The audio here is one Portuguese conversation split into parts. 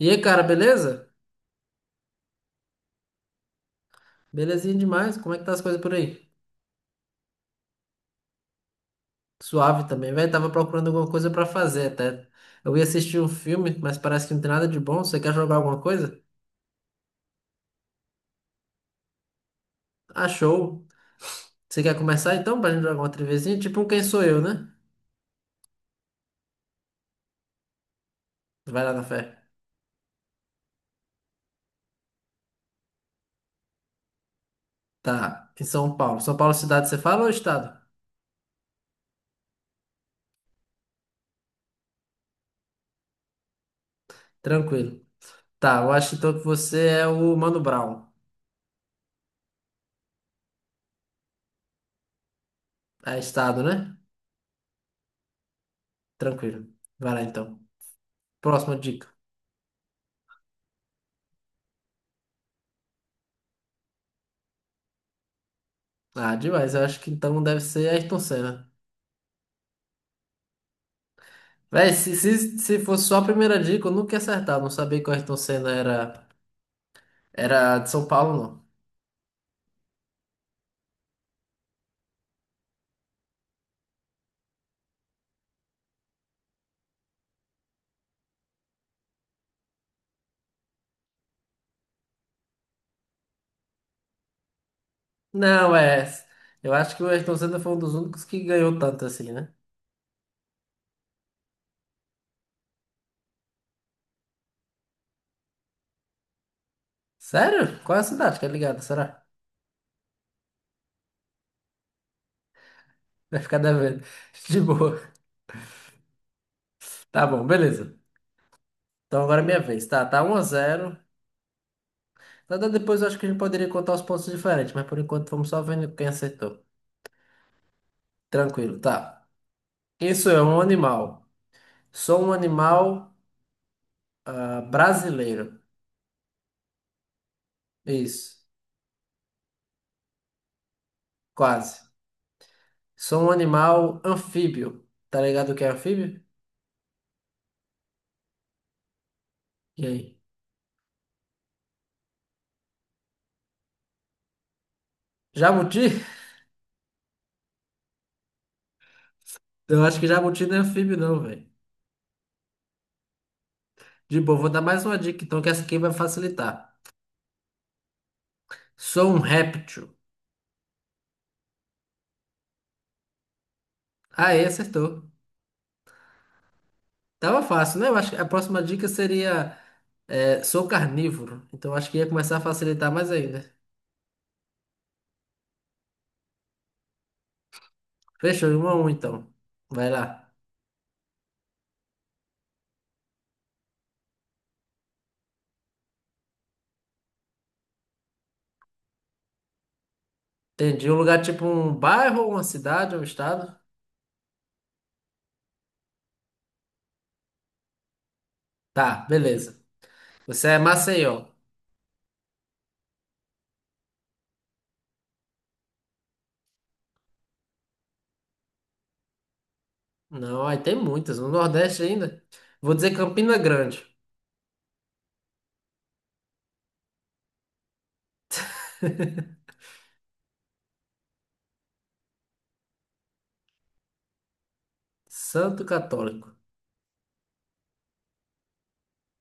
E aí, cara, beleza? Belezinha demais. Como é que tá as coisas por aí? Suave também, velho. Tava procurando alguma coisa pra fazer até. Eu ia assistir um filme, mas parece que não tem nada de bom. Você quer jogar alguma coisa? Ah, show. Você quer começar então pra gente jogar uma trivezinha? Tipo um Quem Sou Eu, né? Vai lá na fé. Tá, em São Paulo. São Paulo é cidade você fala ou é estado? Tranquilo. Tá, eu acho então que você é o Mano Brown. É estado, né? Tranquilo. Vai lá então. Próxima dica. Ah, demais. Eu acho que então deve ser Ayrton Senna. Véi, se fosse só a primeira dica, eu nunca ia acertar. Eu não sabia que o Ayrton Senna era de São Paulo, não. Não, é. Eu acho que o Ayrton Senna foi um dos únicos que ganhou tanto assim, né? Sério? Qual é a cidade que é ligada? Será? Vai ficar devendo. De boa. Tá bom, beleza. Então agora é minha vez. Tá, tá 1-0. Nada, depois eu acho que a gente poderia contar os pontos diferentes, mas por enquanto vamos só vendo quem acertou. Tranquilo, tá. Isso é um animal. Sou um animal, ah, brasileiro. Isso. Quase. Sou um animal anfíbio. Tá ligado o que é anfíbio? E aí? Jabuti? Eu acho que jabuti não é anfíbio, não, velho. De boa, vou dar mais uma dica, então, que essa aqui vai facilitar. Sou um réptil. Aí, acertou. Tava fácil, né? Eu acho que a próxima dica seria, é, sou carnívoro. Então, acho que ia começar a facilitar mais ainda. Fechou, 1-1, então. Vai lá. Entendi. Um lugar tipo um bairro, uma cidade, um estado? Tá, beleza. Você é Maceió. Não, aí tem muitas. No Nordeste ainda. Vou dizer Campina Grande. Santo Católico.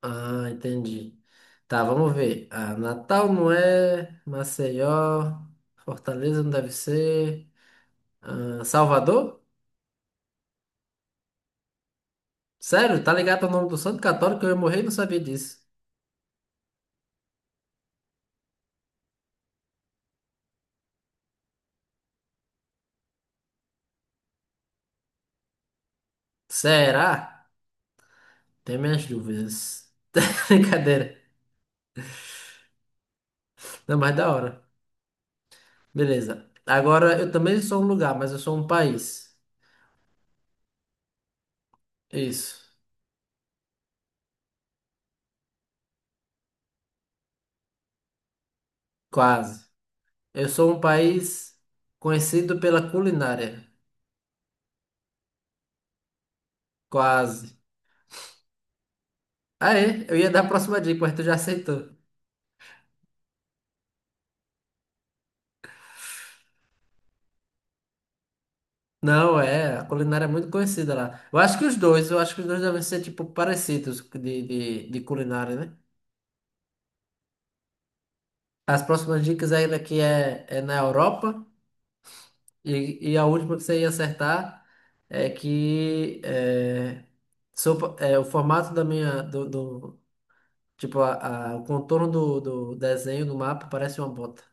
Ah, entendi. Tá, vamos ver. Ah, Natal não é. Maceió. Fortaleza não deve ser. Ah, Salvador? Sério? Tá ligado ao nome do Santo Católico? Eu ia morrer e não sabia disso. Será? Tem minhas dúvidas. Brincadeira. Não, mas da hora. Beleza. Agora, eu também sou um lugar, mas eu sou um país. Isso. Quase. Eu sou um país conhecido pela culinária. Quase. Ah, é? Eu ia dar a próxima dica, mas tu já aceitou. Não, é. A culinária é muito conhecida lá. Eu acho que os dois, devem ser, tipo, parecidos de culinária, né? As próximas dicas ainda que é na Europa. E a última que você ia acertar é que é, é, o formato da minha. Tipo, o contorno do desenho do mapa parece uma bota.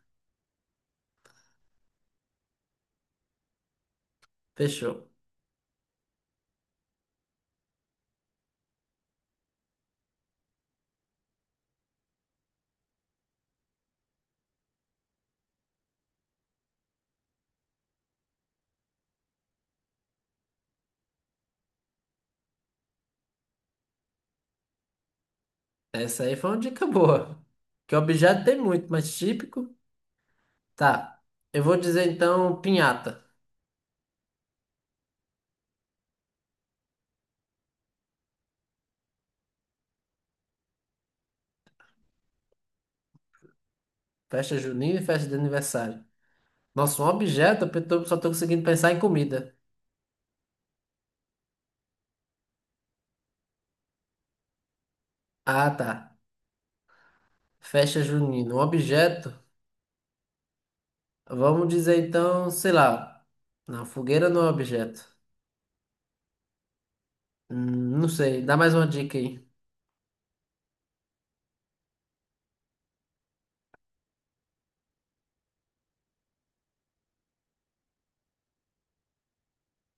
Fechou. Essa aí foi uma dica boa. Que objeto tem muito, mas típico. Tá. Eu vou dizer então pinhata. Festa junina e festa de aniversário. Nossa, um objeto, eu só tô conseguindo pensar em comida. Ah, tá. Festa junina, um objeto. Vamos dizer então, sei lá. Não, fogueira não é objeto. Não sei, dá mais uma dica aí.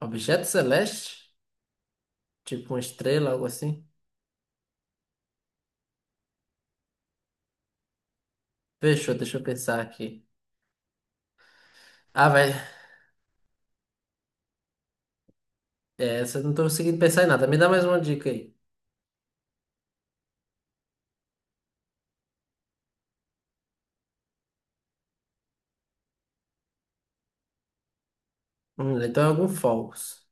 Objeto celeste? Tipo uma estrela, algo assim? Fechou, deixa eu pensar aqui. Ah, velho, é, essa eu não tô conseguindo pensar em nada. Me dá mais uma dica aí. Então é algum falso.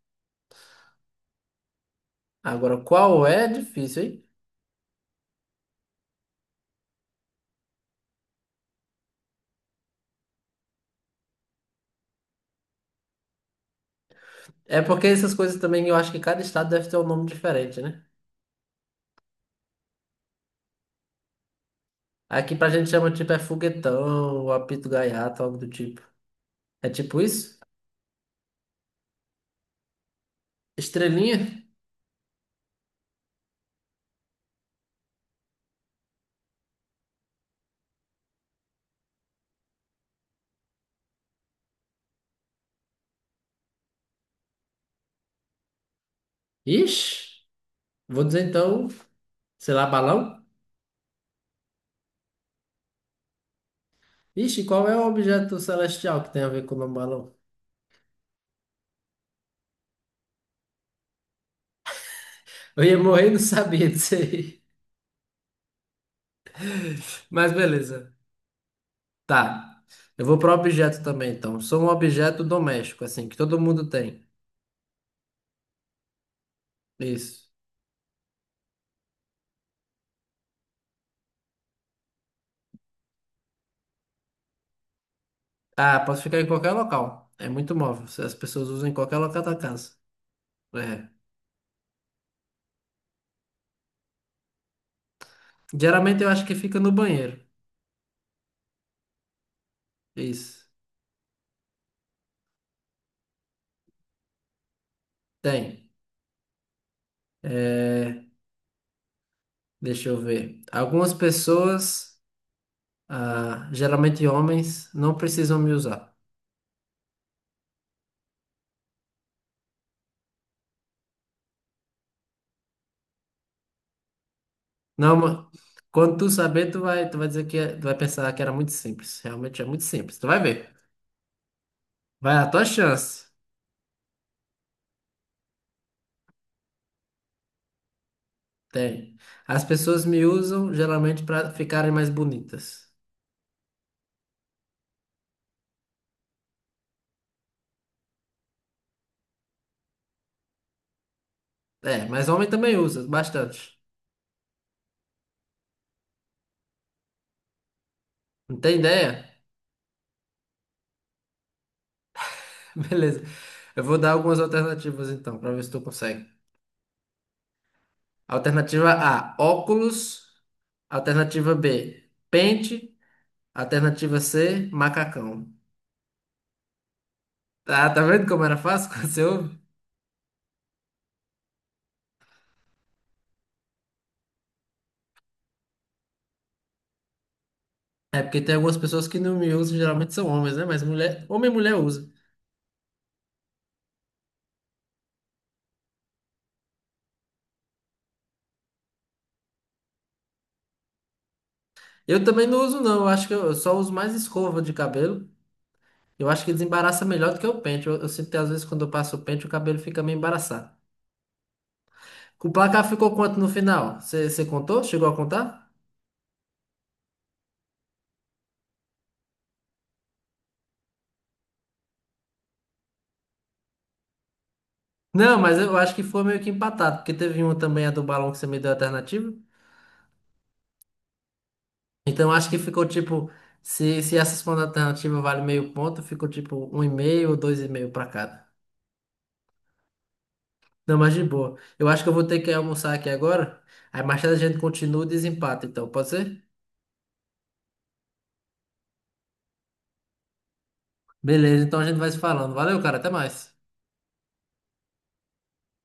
Agora, qual é? É difícil, hein? É porque essas coisas também eu acho que cada estado deve ter um nome diferente, né? Aqui pra gente chama tipo é foguetão, ou apito gaiato, algo do tipo. É tipo isso? Estrelinha? Ixi, vou dizer então, sei lá, balão? Ixi, qual é o objeto celestial que tem a ver com o nome balão? Eu ia morrer e não sabia disso aí. Mas beleza. Tá. Eu vou pro objeto também, então. Sou um objeto doméstico, assim, que todo mundo tem. Isso. Ah, posso ficar em qualquer local. É muito móvel. Se As pessoas usam em qualquer local da casa. É. Geralmente eu acho que fica no banheiro. Isso. Tem. É, deixa eu ver. Algumas pessoas, ah, geralmente homens, não precisam me usar. Não, quando tu saber, tu vai dizer que é, tu vai pensar que era muito simples. Realmente é muito simples. Tu vai ver. Vai, a tua chance. Tem. As pessoas me usam geralmente para ficarem mais bonitas. É, mas homem também usa bastante. Não tem ideia? Beleza. Eu vou dar algumas alternativas então, para ver se tu consegue. Alternativa A, óculos. Alternativa B, pente. Alternativa C, macacão. Tá, tá vendo como era fácil quando você ouve? É porque tem algumas pessoas que não me usam, geralmente são homens, né? Mas mulher, homem e mulher usa. Eu também não uso, não. Eu acho que eu só uso mais escova de cabelo. Eu acho que desembaraça melhor do que o pente. Eu sinto que às vezes quando eu passo o pente, o cabelo fica meio embaraçado. O placar ficou quanto no final? Você contou? Chegou a contar? Não, mas eu acho que foi meio que empatado, porque teve uma também, a do balão, que você me deu a alternativa. Então acho que ficou tipo, se essa segunda alternativa vale meio ponto, ficou tipo um e meio ou dois e meio pra cada. Não, mas de boa. Eu acho que eu vou ter que almoçar aqui agora. Aí mais tarde a gente continua o desempate, então, pode ser? Beleza, então a gente vai se falando. Valeu, cara, até mais.